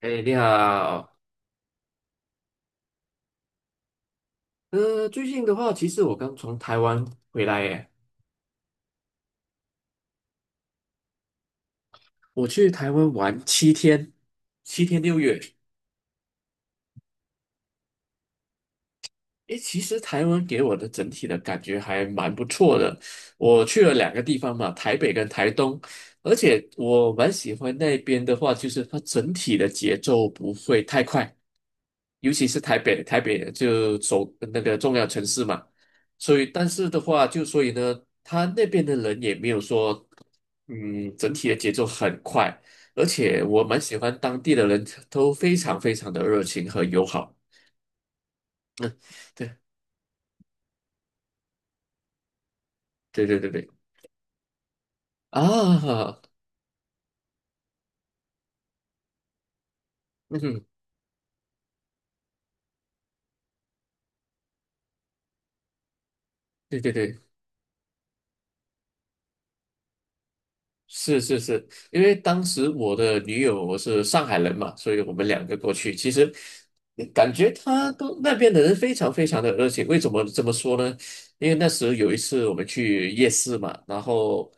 哎，你好。最近的话，其实我刚从台湾回来耶。我去台湾玩七天，七天六月。诶，其实台湾给我的整体的感觉还蛮不错的。我去了两个地方嘛，台北跟台东。而且我蛮喜欢那边的话，就是它整体的节奏不会太快，尤其是台北，台北就首那个重要城市嘛。所以但是的话，就所以呢，他那边的人也没有说，嗯，整体的节奏很快。而且我蛮喜欢当地的人都非常非常的热情和友好。对对对对对。啊，嗯，对对对，是是是，因为当时我的女友我是上海人嘛，所以我们两个过去，其实感觉他都那边的人非常非常的热情。为什么这么说呢？因为那时候有一次我们去夜市嘛，然后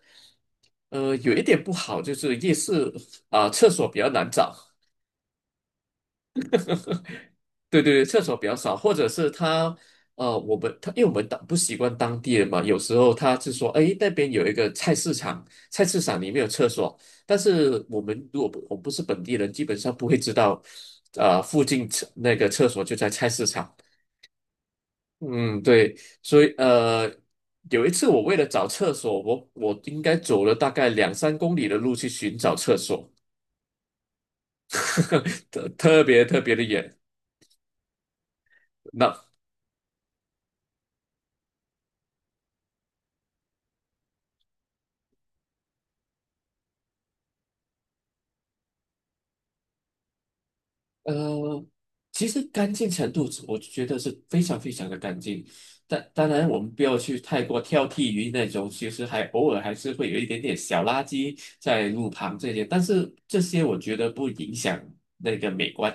有一点不好就是夜市啊、厕所比较难找。对对对，厕所比较少，或者是他我们他因为我们当不习惯当地人嘛，有时候他是说，哎，那边有一个菜市场，菜市场里面有厕所。但是我们不是本地人，基本上不会知道，附近厕那个厕所就在菜市场。嗯，对，所以有一次我为了找厕所，我应该走了大概两三公里的路去寻找厕所。特别的远。那呃，其实干净程度是我觉得是非常非常的干净。但当然，我们不要去太过挑剔于那种，其实还偶尔还是会有一点点小垃圾在路旁这些，但是这些我觉得不影响那个美观，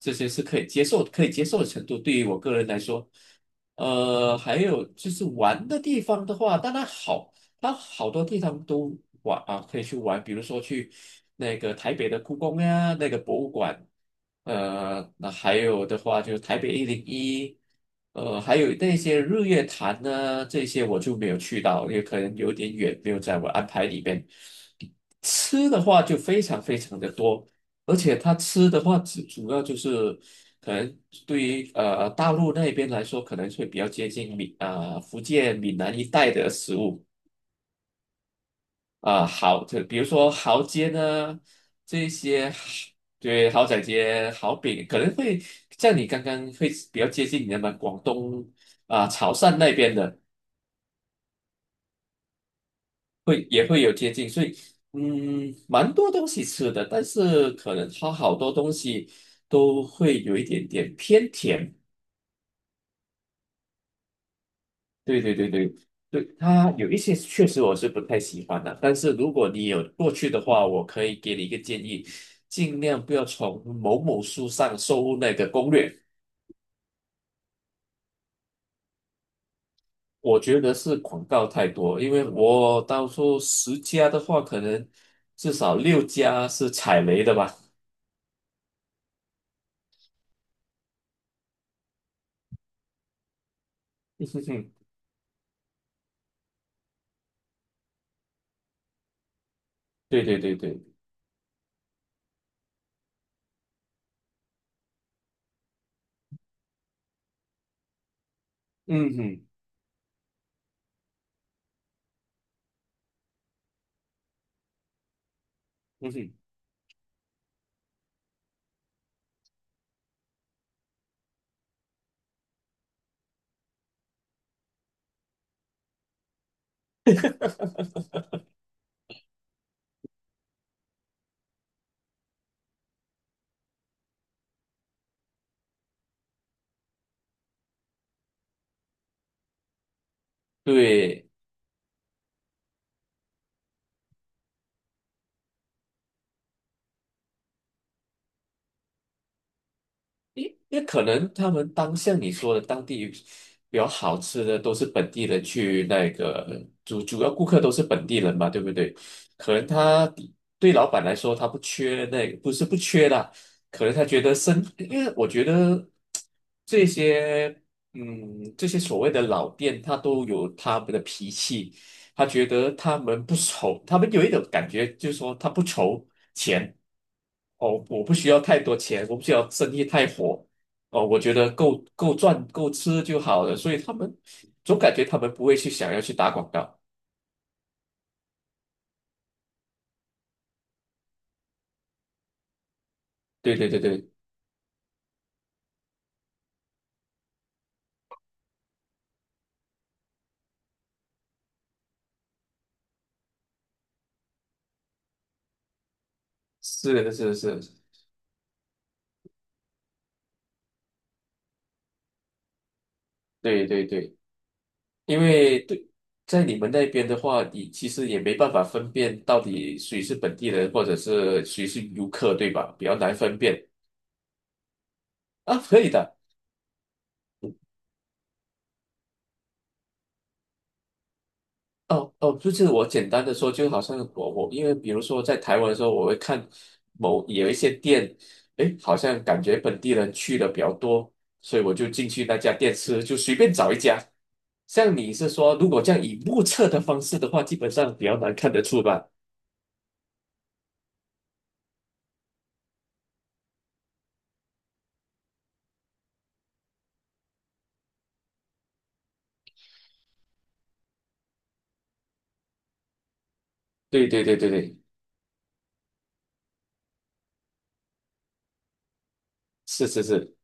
这些是可以接受、可以接受的程度。对于我个人来说，还有就是玩的地方的话，当然好。它好多地方都玩啊，可以去玩，比如说去那个台北的故宫呀，那个博物馆。那还有的话就是台北101，还有那些日月潭呢。这些我就没有去到，也可能有点远，没有在我安排里边。吃的话就非常非常的多。而且它吃的话主要就是可能对于大陆那边来说，可能会比较接近闽啊、福建闽南一带的食物。啊，豪，就比如说豪街呢，这些对豪仔街、豪饼可能会像你刚刚会比较接近你那广东啊、潮汕那边的，会也会有接近。所以嗯，蛮多东西吃的，但是可能它好多东西都会有一点点偏甜。对对对对对，它有一些确实我是不太喜欢的。但是如果你有过去的话，我可以给你一个建议，尽量不要从某某书上搜那个攻略。我觉得是广告太多，因为我到时候10家的话，可能至少6家是踩雷的吧。对对对对，嗯哼，嗯哼，对。因为可能他们当像你说的当地比较好吃的都是本地人去那个主要顾客都是本地人嘛，对不对？可能他对老板来说他不缺那个，不是不缺啦。可能他觉得生，因为我觉得这些嗯这些所谓的老店，他都有他们的脾气。他觉得他们不愁，他们有一种感觉就是说他不愁钱。哦，我不需要太多钱，我不需要生意太火。哦，我觉得够赚够吃就好了。所以他们总感觉他们不会去想要去打广告。对对对对，是的是是，对对对，因为对，在你们那边的话，你其实也没办法分辨到底谁是本地人或者是谁是游客，对吧？比较难分辨啊，可以的。哦哦，就是我简单的说，就好像我因为比如说在台湾的时候，我会看某有一些店，诶，好像感觉本地人去的比较多，所以我就进去那家店吃，就随便找一家。像你是说，如果这样以目测的方式的话，基本上比较难看得出吧？对对对对对，是是是，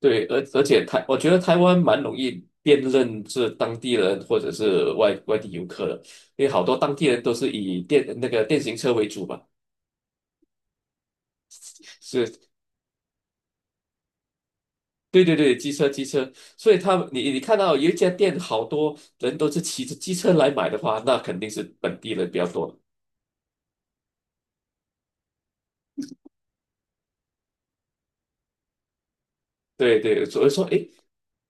对，而且台，我觉得台湾蛮容易辨认是当地人或者是外地游客的，因为好多当地人都是以电那个电行车为主吧。是对对对，机车机车，所以他们你看到有一家店，好多人都是骑着机车来买的话，那肯定是本地人比较多。对对，所以说，诶，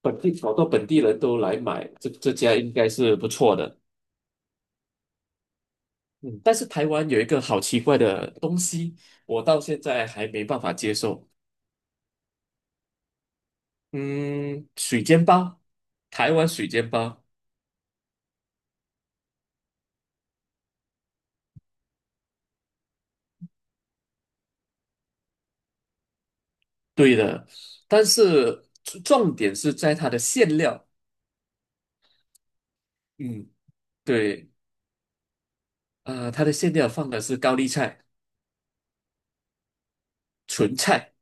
本地好多本地人都来买，这家应该是不错的。嗯，但是台湾有一个好奇怪的东西，我到现在还没办法接受。嗯，水煎包，台湾水煎包，对的。但是重点是在它的馅料。嗯，对，它的馅料放的是高丽菜。纯菜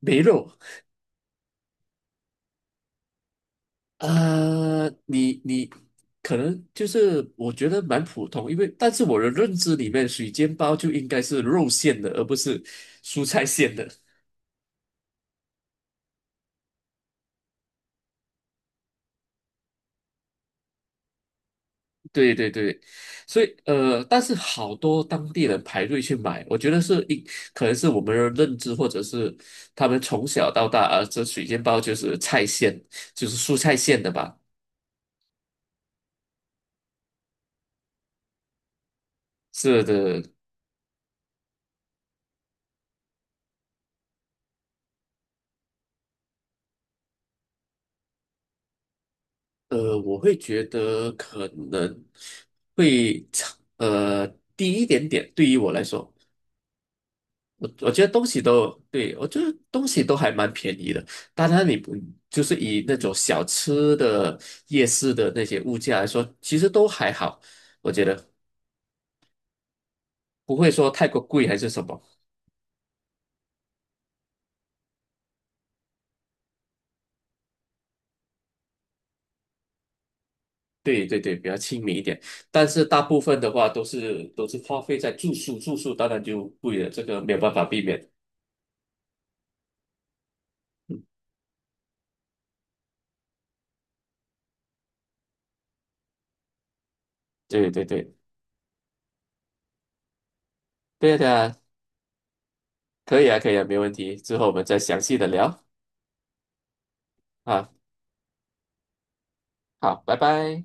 没肉。你可能就是我觉得蛮普通，因为但是我的认知里面，水煎包就应该是肉馅的，而不是蔬菜馅的。对对对，所以但是好多当地人排队去买，我觉得是一可能是我们的认知，或者是他们从小到大啊，这水煎包就是菜馅，就是蔬菜馅的吧？是的，我会觉得可能会差低一点点，对于我来说，我觉得东西都对我觉得东西都还蛮便宜的。当然，你不就是以那种小吃的夜市的那些物价来说，其实都还好，我觉得不会说太过贵还是什么。对对对，比较亲民一点。但是大部分的话都是花费在住宿，住宿当然就贵了，这个没有办法避免。对对对，对的。可以啊，可以啊，没问题。之后我们再详细的聊啊。好，拜拜。